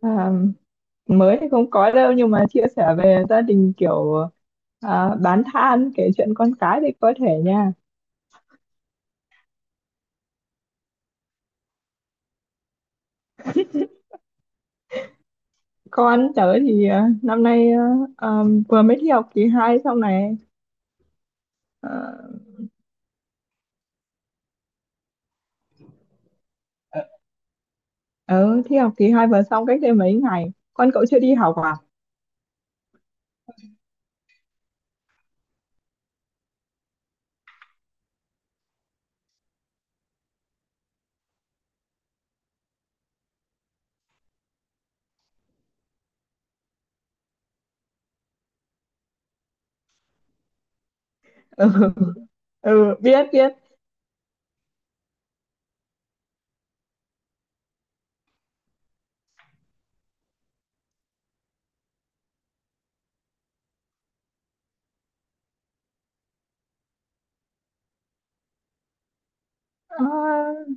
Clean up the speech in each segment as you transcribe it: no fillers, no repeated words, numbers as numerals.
À, mới thì không có đâu nhưng mà chia sẻ về gia đình kiểu bán than kể chuyện con cái thì có thể nha. Con tớ thì năm nay à, vừa mới thi học kỳ 2 xong này. à, ừ, thi học kỳ 2 vừa xong cách đây mấy ngày. Con cậu chưa đi học à? Ừ, ừ, biết biết. à,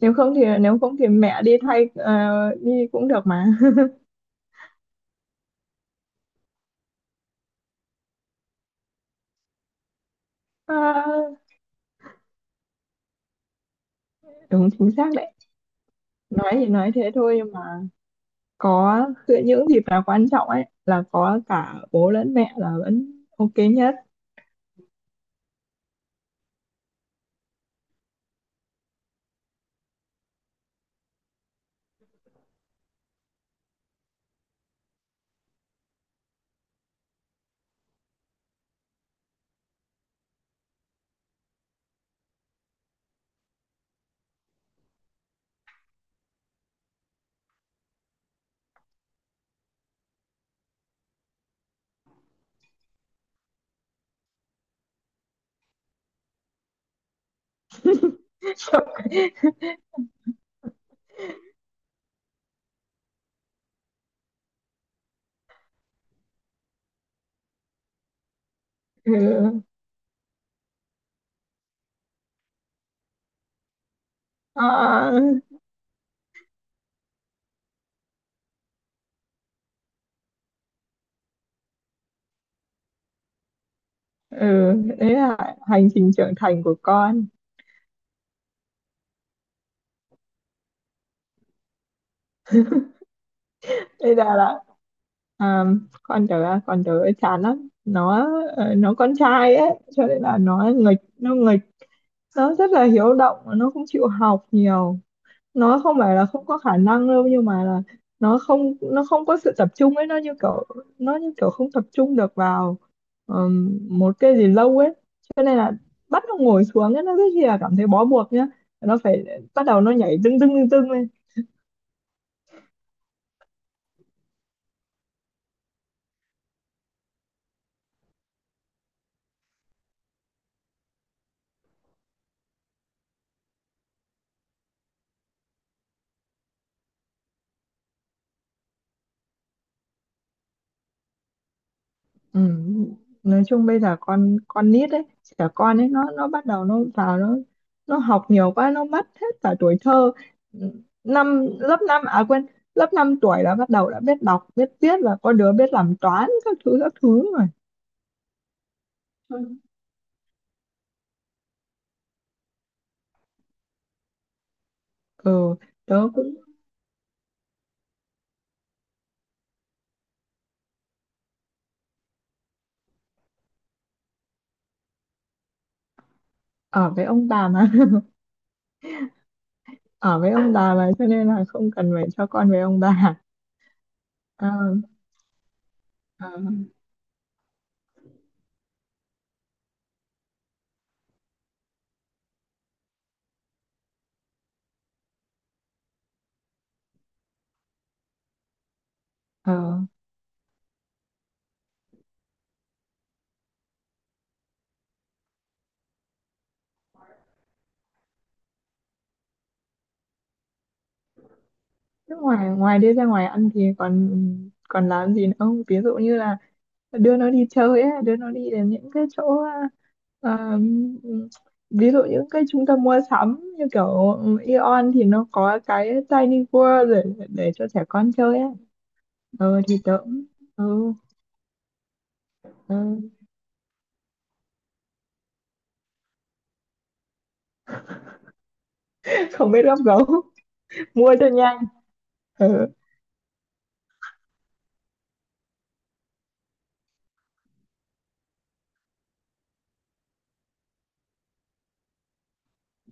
Nếu không thì mẹ đi thay, đi cũng được mà. à, Đúng, chính xác đấy. Nói thì nói thế thôi nhưng mà có, giữa những dịp nào quan trọng ấy là có cả bố lẫn mẹ là vẫn ok nhất. Ừ. À, ừ. Đấy là hành trình trưởng thành của con. Đây là à, con tớ, con tớ chán lắm nó. Nó con trai ấy, cho nên là nó nghịch nó nghịch. Nó rất là hiếu động, nó không chịu học nhiều. Nó không phải là không có khả năng đâu nhưng mà là nó không có sự tập trung ấy. Nó như kiểu không tập trung được vào một cái gì lâu ấy. Cho nên là bắt nó ngồi xuống ấy, nó rất là cảm thấy bó buộc nhá. Nó phải bắt đầu nó nhảy tưng tưng tưng tưng lên. Ừ. Nói chung bây giờ con nít ấy, trẻ con ấy, nó bắt đầu nó vào nó học nhiều quá nó mất hết cả tuổi thơ. Năm lớp năm, à quên, lớp 5 tuổi là bắt đầu đã biết đọc biết viết và có đứa biết làm toán các thứ rồi. Ừ, tớ cũng ở với ông bà mà. Ở với ông bà mà, cho nên là không cần phải cho con với ông bà. ờ ờ ờ Thế ngoài ngoài đi ra ngoài ăn thì còn còn làm gì nữa không? Ví dụ như là đưa nó đi chơi ấy, đưa nó đi đến những cái chỗ, à, ví dụ những cái trung tâm mua sắm như kiểu Aeon thì nó có cái Tiny World để, cho trẻ con chơi ấy. Ờ thì tớ cũng. Ừ, ừ. Không biết gấp gấu. Mua cho nhanh. Ừ,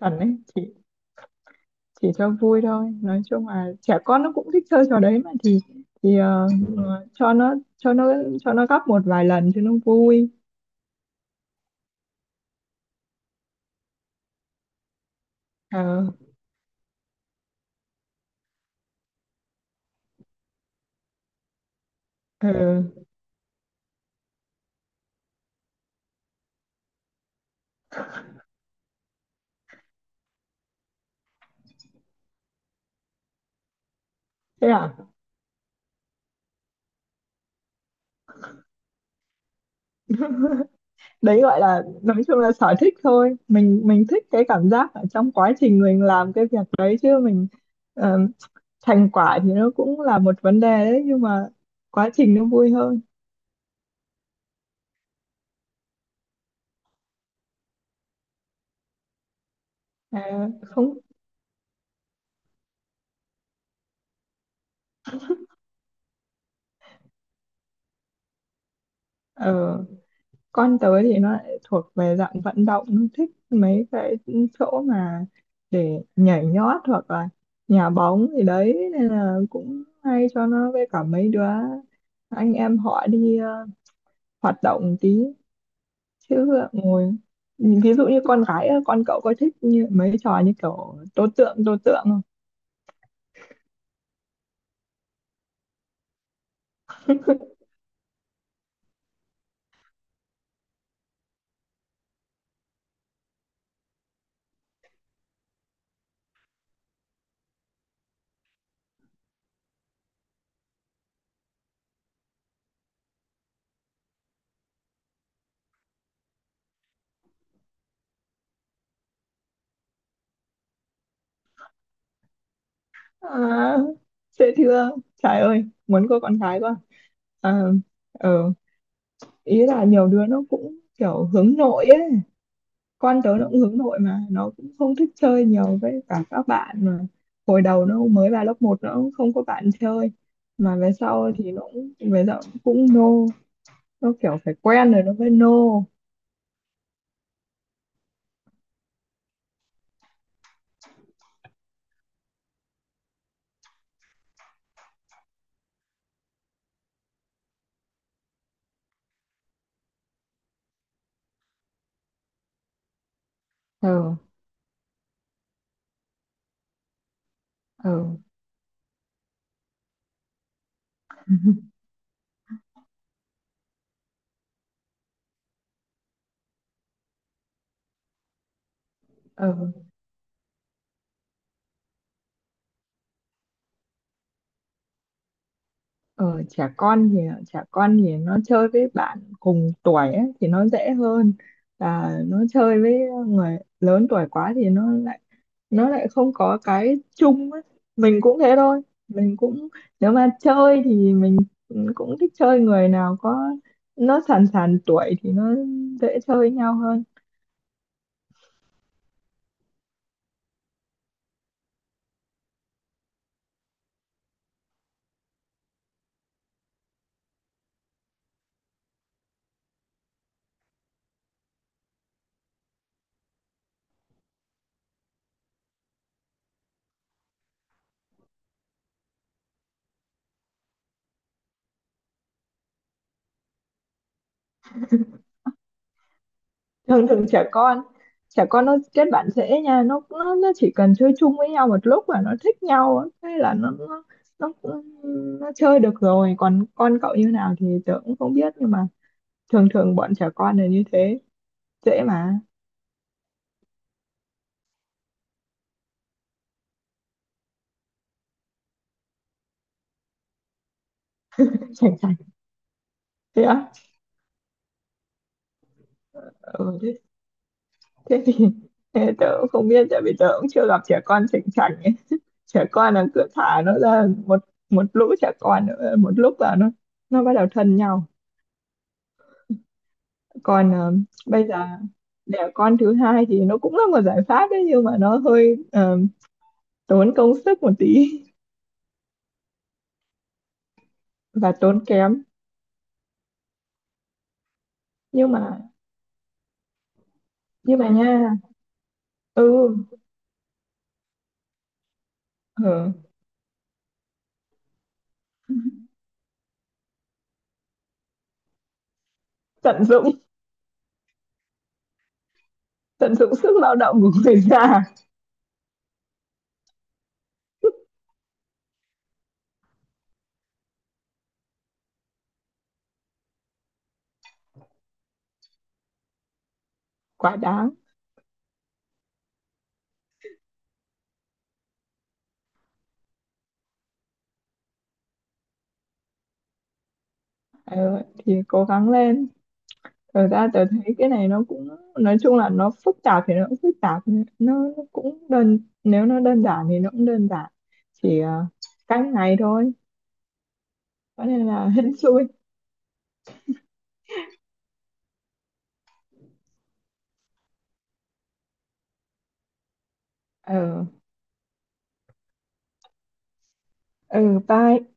chuẩn đấy. Chỉ cho vui thôi, nói chung là trẻ con nó cũng thích chơi trò đấy mà thì thì ờ, Ừ. Cho nó gấp một vài lần cho nó vui. ờ ừ. Thế à? Đấy gọi là, nói chung là sở thích thôi. Mình thích cái cảm giác ở trong quá trình mình làm cái việc đấy, chứ mình, ờ, thành quả thì nó cũng là một vấn đề đấy nhưng mà quá trình nó vui hơn. Không. ờ, con tớ thì nó lại thuộc về dạng vận động, nó thích mấy cái chỗ mà để nhảy nhót hoặc là nhà bóng gì đấy nên là cũng hay cho nó với cả mấy đứa anh em họ đi, hoạt động tí, chứ ngồi. Ví dụ như con gái á, con cậu có thích như mấy trò như kiểu tố tượng không? à, Dễ thương. Trời ơi, muốn có con gái quá. à, ừ. Ý là nhiều đứa nó cũng kiểu hướng nội ấy. Con tớ nó cũng hướng nội, mà nó cũng không thích chơi nhiều với cả các bạn, mà hồi đầu nó mới vào lớp một nó cũng không có bạn chơi, mà về sau cũng nô. Nó kiểu phải quen rồi nó mới nô. Ừ, ừ, ừ. Ờ, trẻ con thì nó chơi với bạn cùng tuổi ấy, thì nó dễ hơn, và nó chơi với người lớn tuổi quá thì nó lại không có cái chung ấy. Mình cũng thế thôi, mình cũng nếu mà chơi thì mình cũng thích chơi người nào có nó sàn sàn tuổi thì nó dễ chơi với nhau hơn. Thường thường trẻ con, trẻ con nó kết bạn dễ nha. Nó chỉ cần chơi chung với nhau một lúc là nó thích nhau á, thế là nó, nó chơi được rồi. Còn con cậu như nào thì tớ cũng không biết, nhưng mà thường thường bọn trẻ con là như thế, dễ mà. Sành sạch? Thế á? Ừ, thế thì thế tớ cũng không biết, tại vì tớ cũng chưa gặp trẻ con sành sạch ấy. Trẻ con là cứ thả nó ra một một lũ trẻ con nữa một lúc là nó bắt đầu thân nhau. Còn, bây giờ đẻ con thứ hai thì nó cũng là một giải pháp đấy, nhưng mà nó hơi, tốn công sức một tí. Và tốn kém. Nhưng mà nha. Ừ, ừ, tận dụng, tận dụng sức lao động của người già. Quá đáng. Ờ, thì cố gắng lên. Thật ra tớ thấy cái này nó cũng, nói chung là nó phức tạp thì nó cũng phức tạp, nó cũng đơn nếu nó đơn giản thì nó cũng đơn giản, chỉ, cách này thôi, cho nên là hên xui. Ừ, ừ, bye.